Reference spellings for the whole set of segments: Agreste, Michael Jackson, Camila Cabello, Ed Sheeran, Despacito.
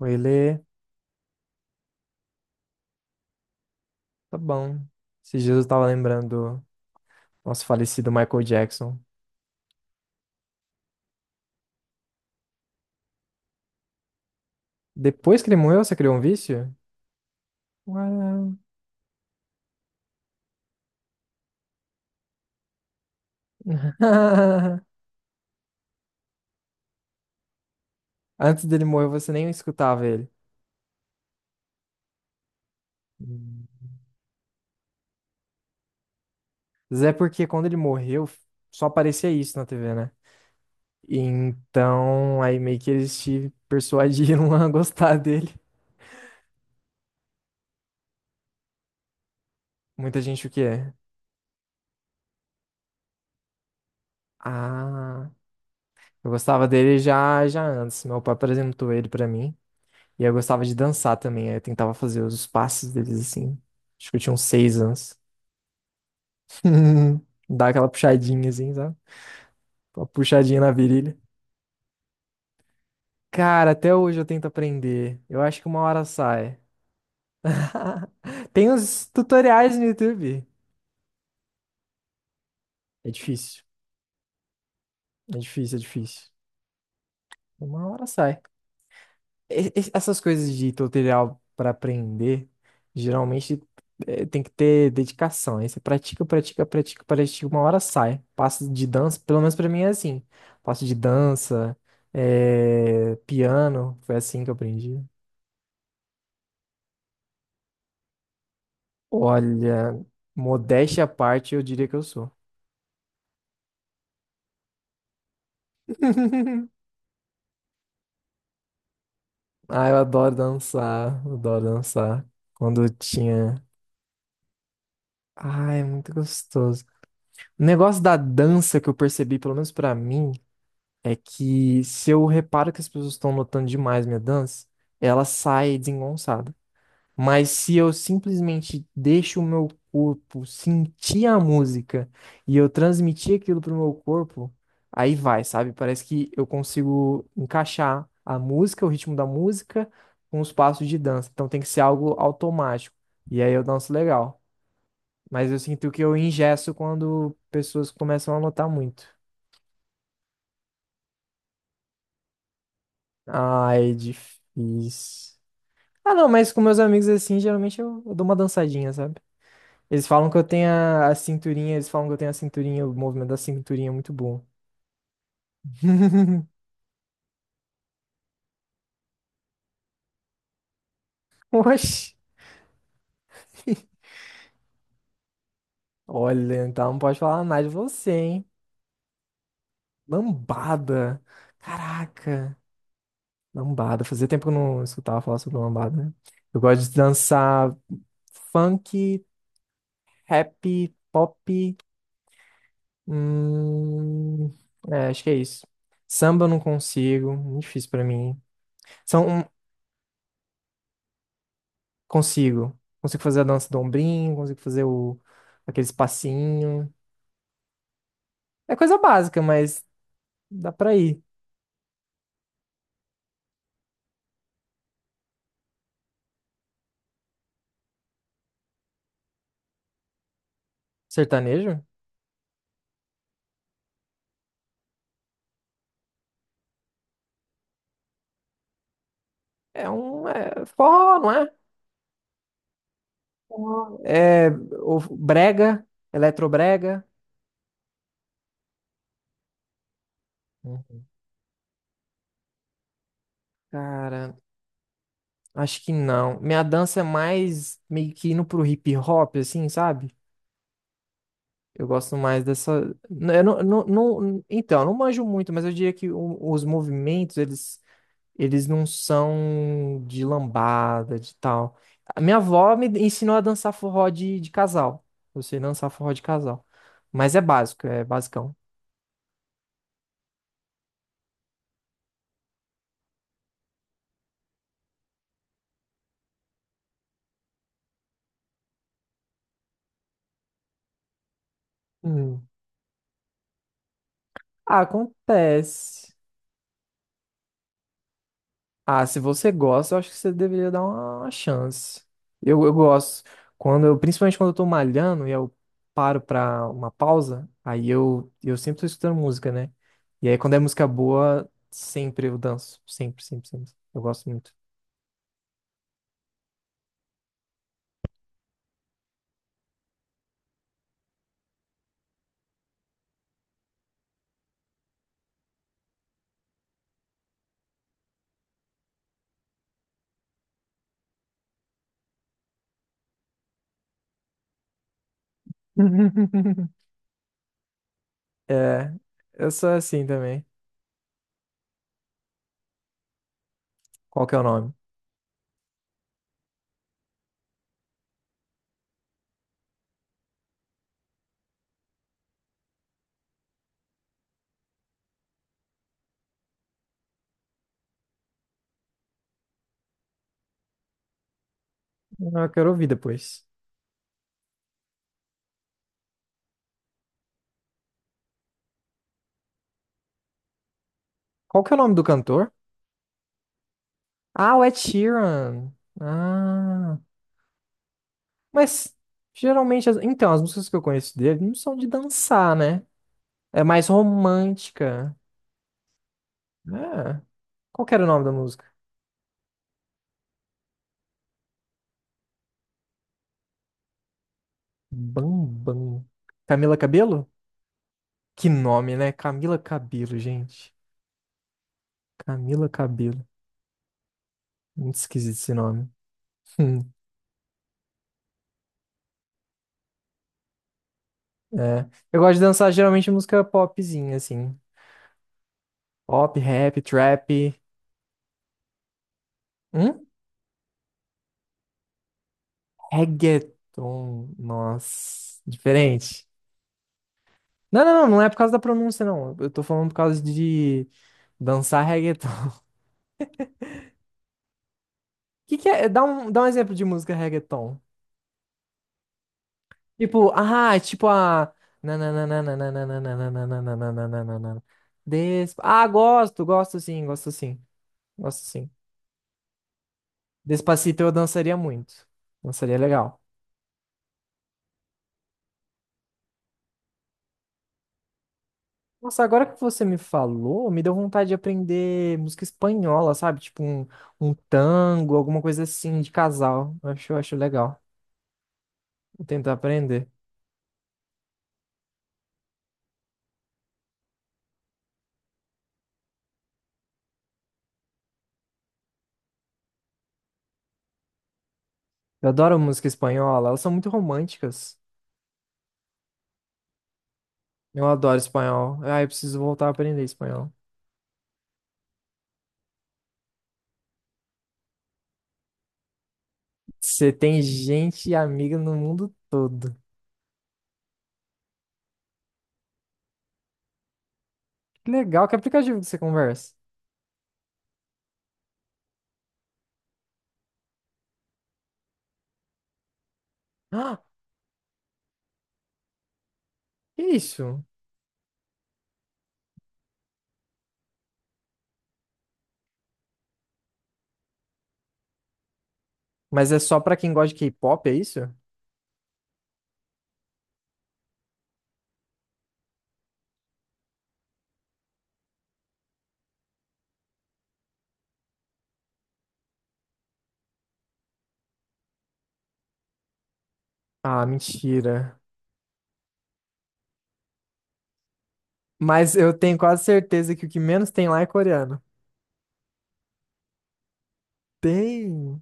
Oi, Lê. Tá bom. Esses dias eu tava lembrando do nosso falecido Michael Jackson. Depois que ele morreu, você criou um vício? Ué. Antes dele morrer, você nem escutava ele. Hum. Mas é porque quando ele morreu, só aparecia isso na TV, né? Então, aí meio que eles te persuadiram a gostar dele. Muita gente o quê? Ah, eu gostava dele já antes. Meu pai apresentou ele pra mim. E eu gostava de dançar também. Aí Eu tentava fazer os passos deles assim. Acho que eu tinha uns seis anos. Dar aquela puxadinha assim, sabe? Uma puxadinha na virilha. Cara, até hoje eu tento aprender. Eu acho que uma hora sai. Tem uns tutoriais no YouTube. É difícil. É difícil. Uma hora sai. Essas coisas de tutorial para aprender, geralmente tem que ter dedicação. Aí você pratica, uma hora sai. Passo de dança, pelo menos para mim é assim. Passo de dança, piano, foi assim que eu aprendi. Olha, modéstia à parte, eu diria que eu sou. Ah, eu adoro dançar. Quando eu tinha. Ah, é muito gostoso. O negócio da dança que eu percebi, pelo menos pra mim. É que se eu reparo que as pessoas estão notando demais minha dança, ela sai desengonçada. Mas se eu simplesmente deixo o meu corpo sentir a música e eu transmitir aquilo pro meu corpo, aí vai, sabe? Parece que eu consigo encaixar a música, o ritmo da música, com os passos de dança. Então tem que ser algo automático. E aí eu danço legal. Mas eu sinto que eu engesso quando pessoas começam a notar muito. Ai, difícil. Ah, não, mas com meus amigos assim, geralmente eu dou uma dançadinha, sabe? Eles falam que eu tenho a cinturinha, eles falam que eu tenho a cinturinha, o movimento da cinturinha é muito bom. Oxi. Olha, então não pode falar mais de você, hein? Lambada. Caraca. Lambada. Fazia tempo que eu não escutava falar sobre lambada, né? Eu gosto de dançar funk, rap, pop. Hum, é, acho que é isso. Samba eu não consigo, muito difícil pra mim. São Consigo. Consigo fazer a dança do ombrinho, consigo fazer o... aqueles passinhos. É coisa básica, mas dá pra ir. Sertanejo? É um... É forró, não é? É o brega, eletrobrega. Hum. Cara, acho que não. Minha dança é mais meio que indo pro hip hop, assim, sabe? Eu gosto mais dessa... Eu Então, eu não manjo muito, mas eu diria que os movimentos, eles... Eles não são de lambada, de tal. A minha avó me ensinou a dançar forró de casal. Eu sei dançar forró de casal. Mas é básico, é basicão. Hum. Ah, acontece. Ah, se você gosta, eu acho que você deveria dar uma chance. Eu gosto. Quando eu, principalmente quando eu tô malhando e eu paro pra uma pausa, aí eu sempre tô escutando música, né? E aí quando é música boa, sempre eu danço. Sempre. Eu gosto muito. É, eu sou assim também. Qual que é o nome? Ah, eu quero ouvir depois. Qual que é o nome do cantor? Ah, o Ed Sheeran. Ah, mas geralmente, então, as músicas que eu conheço dele não são de dançar, né? É mais romântica. É. Qual que era o nome da música? Bambam. Camila Cabello? Que nome, né? Camila Cabello, gente. Camila Cabello. Muito esquisito esse nome. É. Eu gosto de dançar geralmente música popzinha, assim. Pop, rap, trap. Hum? Reggaeton. Nossa, diferente. Não é por causa da pronúncia, não. Eu tô falando por causa de dançar reggaeton. O que que é? Dá dá um exemplo de música reggaeton. Tipo, ah, tipo a. Despa... Ah, gosto sim. Despacito eu dançaria muito. Dançaria legal. Nossa, agora que você me falou, me deu vontade de aprender música espanhola, sabe? Tipo um, um tango, alguma coisa assim de casal. Eu acho legal. Vou tentar aprender. Eu adoro música espanhola, elas são muito românticas. Eu adoro espanhol. Ah, eu preciso voltar a aprender espanhol. Você tem gente e amiga no mundo todo. Que legal, que aplicativo que você conversa? Ah, que isso? Mas é só pra quem gosta de K-pop, é isso? Ah, mentira. Mas eu tenho quase certeza que o que menos tem lá é coreano. Tem?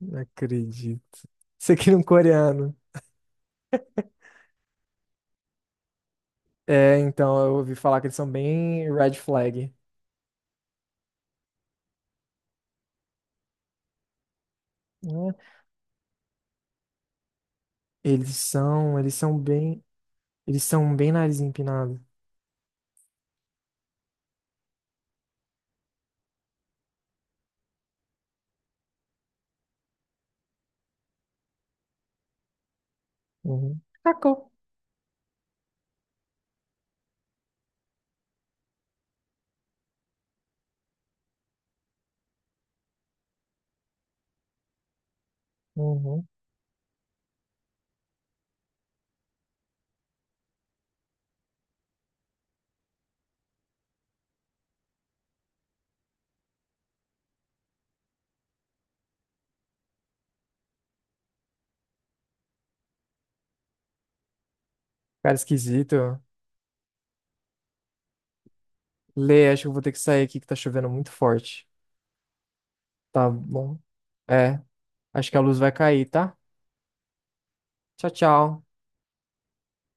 Não acredito. Isso aqui é um coreano. É, então, eu ouvi falar que eles são bem red flag. Né? Eles são, eles são bem, eles são bem nariz empinado. Uhum. Cacô. Uhum. Cara esquisito. Lê, acho que eu vou ter que sair aqui que tá chovendo muito forte. Tá bom. É, acho que a luz vai cair, tá? Tchau, tchau.